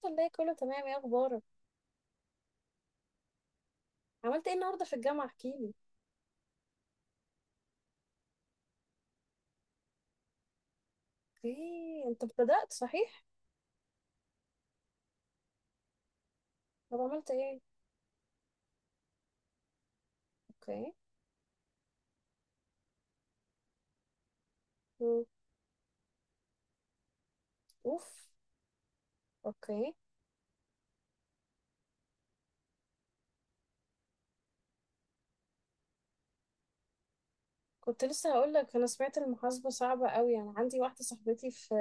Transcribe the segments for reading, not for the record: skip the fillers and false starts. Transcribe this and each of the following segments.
الحمد لله، كله تمام. ايه اخبارك؟ عملت ايه النهارده في الجامعه؟ احكيلي. اوكي انت ابتدأت صحيح. طب عملت ايه؟ اوكي. مم. اوف. اوكي. كنت لسه هقول لك انا سمعت المحاسبه صعبه قوي، يعني عندي واحده صاحبتي في،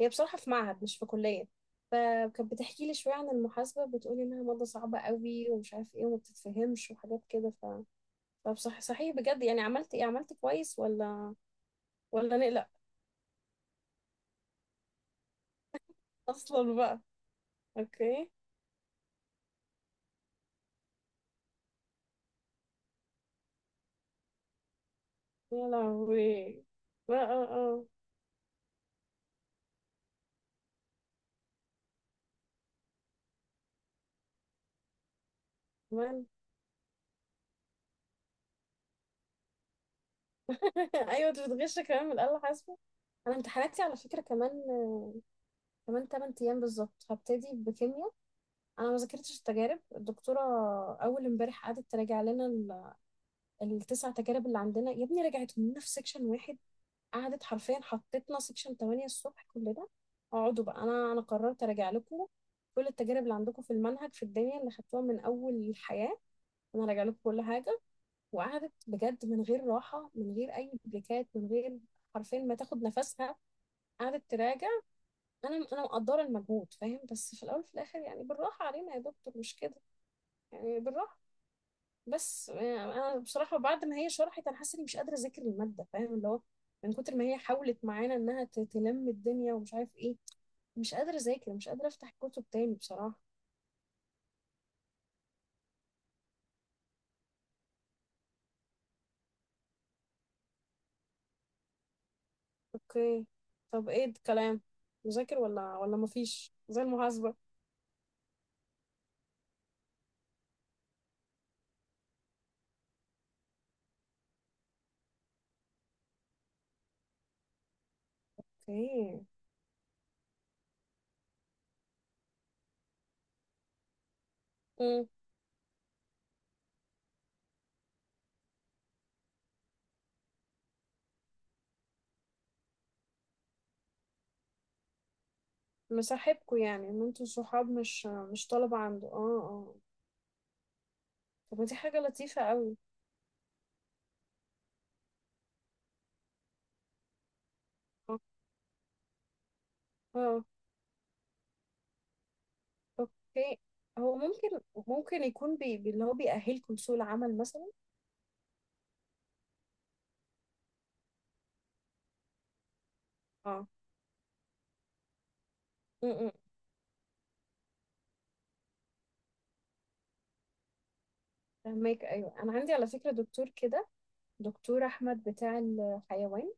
هي بصراحه في معهد مش في كليه. فكانت بتحكي لي شويه عن المحاسبه، بتقولي انها ماده صعبه قوي ومش عارف ايه وما بتتفهمش وحاجات كده ف فبصح صحيح بجد، يعني عملت ايه، عملت كويس ولا نقلق؟ اصلا بقى. اوكي. يا لهوي. اه اه. كمان. ايوه انت بتغش كمان من الاله حاسبه. انا امتحاناتي على فكره كمان، 8 ايام بالظبط هبتدي بكيمياء. انا ما ذاكرتش التجارب. الدكتوره اول امبارح قعدت تراجع لنا التسع تجارب اللي عندنا، يا ابني رجعتهم لنا في سيكشن واحد، قعدت حرفيا حطيتنا سيكشن 8 الصبح كلنا، اقعدوا بقى، انا قررت اراجع لكم كل التجارب اللي عندكم في المنهج في الدنيا اللي خدتوها من اول الحياه. انا راجع لكم كل حاجه، وقعدت بجد من غير راحه، من غير اي بريكات، من غير، حرفيا ما تاخد نفسها، قعدت تراجع. انا مقدره المجهود، فاهم؟ بس في الاول وفي الاخر يعني بالراحه علينا يا دكتور، مش كده؟ يعني بالراحه. بس يعني انا بصراحه بعد ما هي شرحت انا حاسه اني مش قادره اذاكر الماده، فاهم؟ اللي هو من كتر ما هي حاولت معانا انها تلم الدنيا ومش عارف ايه. مش قادره اذاكر، مش قادره افتح كتب تاني بصراحه. اوكي. طب ايه الكلام، مذاكر ولا مفيش زي المحاسبه؟ اوكي. مصاحبكوا يعني ان انتوا صحاب، مش طلبة عنده؟ اه اه. طب ما دي حاجة لطيفة قوي. اه. آه. اوكي. هو ممكن، اللي هو بيأهلكم لسوق العمل مثلا. اه. امم. فهماك. ايوه انا عندي على فكرة دكتور كده، دكتور احمد بتاع الحيوان.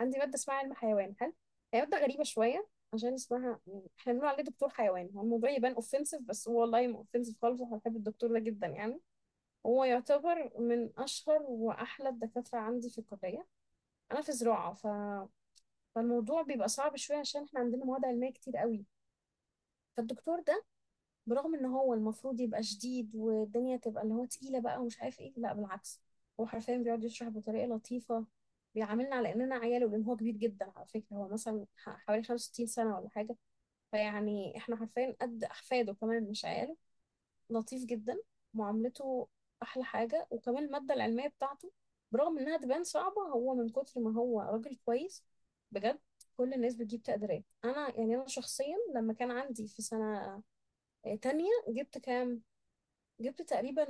عندي مادة اسمها علم حيوان. هي مادة غريبة شوية عشان اسمها، يعني احنا بنقول عليه دكتور حيوان، هو الموضوع يبان اوفنسيف، بس هو والله ما اوفنسيف خالص. احنا بنحب الدكتور ده جدا يعني. هو يعتبر من أشهر وأحلى الدكاترة عندي في الكلية. أنا في زراعة، فالموضوع بيبقى صعب شوية عشان إحنا عندنا مواد علمية كتير قوي. فالدكتور ده، برغم إن هو المفروض يبقى شديد والدنيا تبقى اللي هو تقيلة بقى ومش عارف إيه، لا بالعكس. هو حرفيا بيقعد يشرح بطريقة لطيفة، بيعاملنا على إننا عياله، لأن هو كبير جدا على فكرة. هو مثلا حوالي 65 سنة ولا حاجة، فيعني إحنا حرفيا قد أحفاده، كمان مش عياله. لطيف جدا معاملته. احلى حاجه. وكمان الماده العلميه بتاعته، برغم انها تبان صعبه، هو من كتر ما هو راجل كويس بجد، كل الناس بتجيب تقديرات. انا يعني انا شخصيا لما كان عندي في سنه تانية جبت كام؟ جبت تقريبا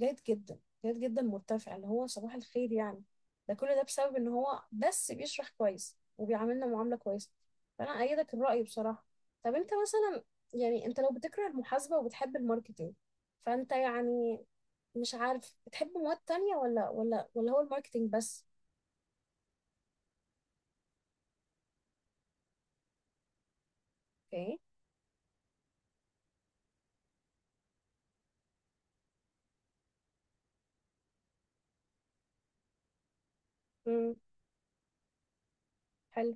جيد جدا، جيد جدا مرتفع، اللي هو صباح الخير يعني. ده كل ده بسبب ان هو بس بيشرح كويس وبيعاملنا معاملة كويسة. فانا ايدك الرأي بصراحة. طب انت مثلا، يعني انت لو بتكره المحاسبة وبتحب الماركتينج، فانت يعني مش عارف بتحب مواد تانية ولا هو الماركتينج بس؟ اوكي. امم. حلو.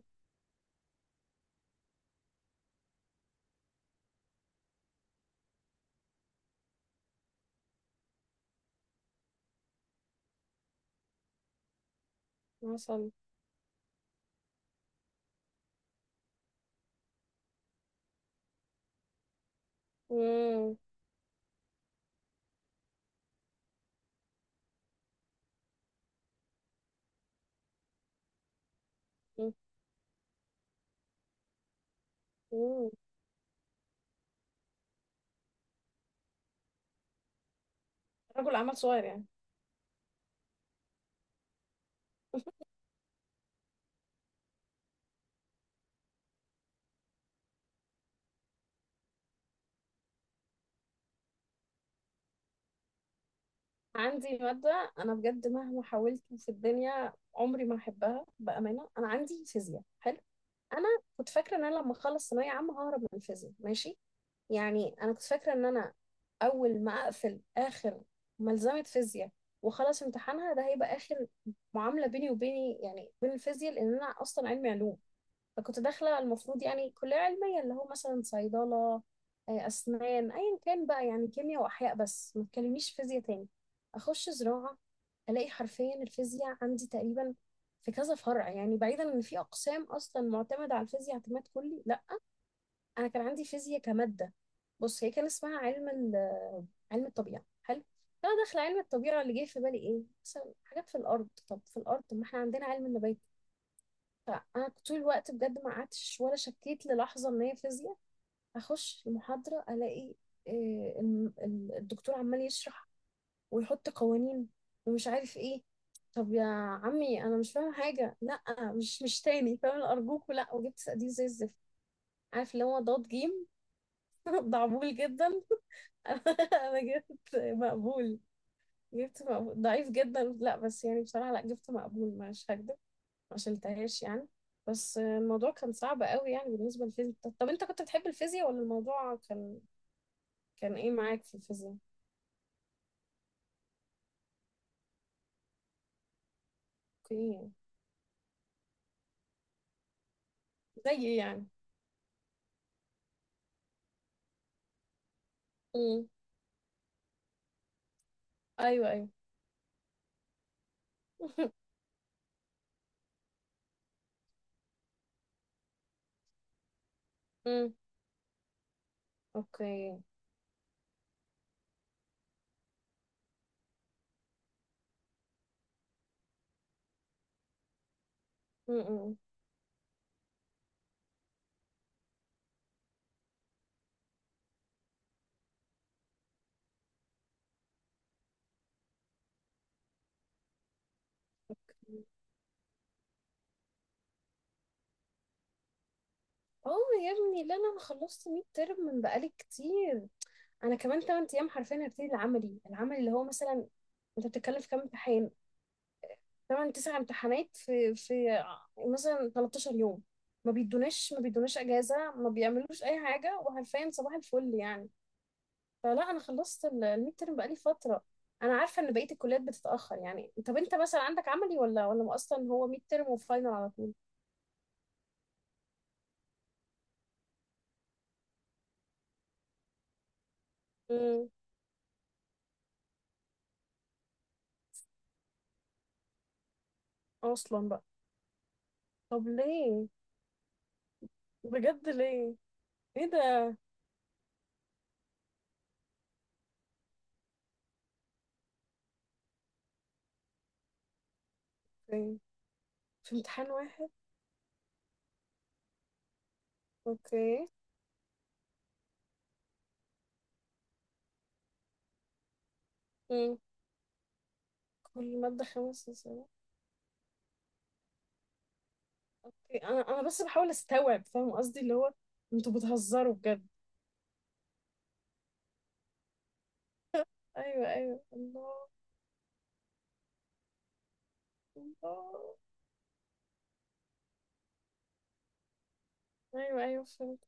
مثلا. امم. رجل اعمال صغير يعني. عندي مادة أنا بجد مهما حاولت في الدنيا عمري ما أحبها بأمانة. أنا عندي فيزياء، حلو. أنا كنت فاكرة إن أنا لما أخلص ثانوية عامة ههرب من الفيزياء ماشي، يعني أنا كنت فاكرة إن أنا أول ما أقفل آخر ملزمة فيزياء وخلص امتحانها، ده هيبقى آخر معاملة بيني وبيني، يعني بين الفيزياء، لأن أنا أصلا علمي علوم. فكنت داخلة المفروض يعني كلية علمية اللي هو مثلا صيدلة، آه، أسنان، أيا كان بقى، يعني كيمياء وأحياء، بس ما تكلمنيش فيزياء تاني. أخش زراعة ألاقي حرفيا الفيزياء عندي تقريبا في كذا فرع، يعني بعيدا إن في أقسام أصلا معتمدة على الفيزياء اعتماد كلي، لأ أنا كان عندي فيزياء كمادة. بص هي كان اسمها علم الطبيعة، حلو. فأنا داخلة علم الطبيعة اللي جه في بالي إيه؟ مثلا حاجات في الأرض، طب في الأرض، طب ما إحنا عندنا علم النبات. فانا طول الوقت بجد ما قعدتش ولا شكيت للحظه ان هي فيزياء. اخش المحاضره الاقي آه، الدكتور عمال يشرح ويحط قوانين ومش عارف ايه. طب يا عمي انا مش فاهم حاجه، لا مش تاني فاهم ارجوك لا. وجبت صناديق زي الزفت، عارف اللي هو ضاد جيم. ضعبول جدا. انا جبت مقبول. جبت مقبول، ضعيف جدا، لا بس يعني بصراحه لا جبت مقبول مش هكدب، ما شلتهاش يعني. بس الموضوع كان صعب قوي يعني بالنسبة للفيزياء. طب انت كنت بتحب الفيزياء ولا الموضوع كان ايه معاك في الفيزياء؟ اوكي. زي ايه يعني؟ امم. ايوه ايوه. امم. اوكي. امم. اه. يا ابني لا لا انا خلصت 100 ترم من بقالي كتير. انا كمان 8 ايام حرفيا هبتدي العملي، العملي اللي هو مثلا، انت بتتكلم في كام امتحان؟ تمن تسع امتحانات في مثلا 13 يوم. ما بيدوناش اجازه، ما بيعملوش اي حاجه، وحرفيا صباح الفل يعني. فلا انا خلصت الميد ترم بقالي فتره. انا عارفه ان بقيه الكليات بتتاخر، يعني طب انت مثلا عندك عملي ولا اصلا هو ميد ترم وفاينل على طول؟ امم. اصلا بقى. طب ليه؟ بجد ليه؟ ايه ده؟ في في امتحان واحد؟ اوكي. امم. كل ماده خمس. انا بس بحاول استوعب، فاهم قصدي اللي هو انتوا بتهزروا بجد؟ ايوه ايوه. الله. الله. ايوه ايوه. فهمت.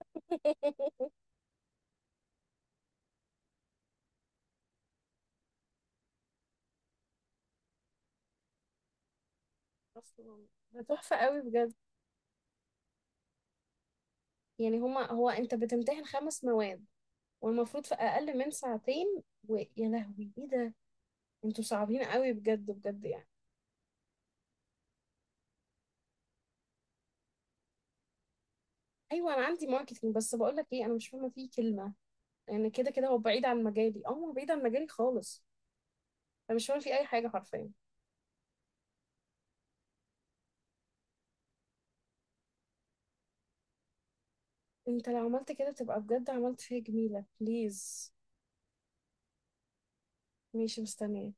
اصلا ده تحفه قوي بجد، يعني هما، هو انت بتمتحن خمس مواد والمفروض في اقل من ساعتين؟ ويا لهوي ايه ده؟ انتوا صعبين قوي بجد بجد يعني. ايوه انا عندي ماركتنج بس بقول لك ايه، انا مش فاهمه فيه كلمه، يعني كده كده هو بعيد عن مجالي. اه هو بعيد عن مجالي خالص، انا مش فاهمه فيه اي حاجه حرفيا. انت لو عملت كده تبقى بجد عملت فيها جميلة، بليز. ماشي، مستنية.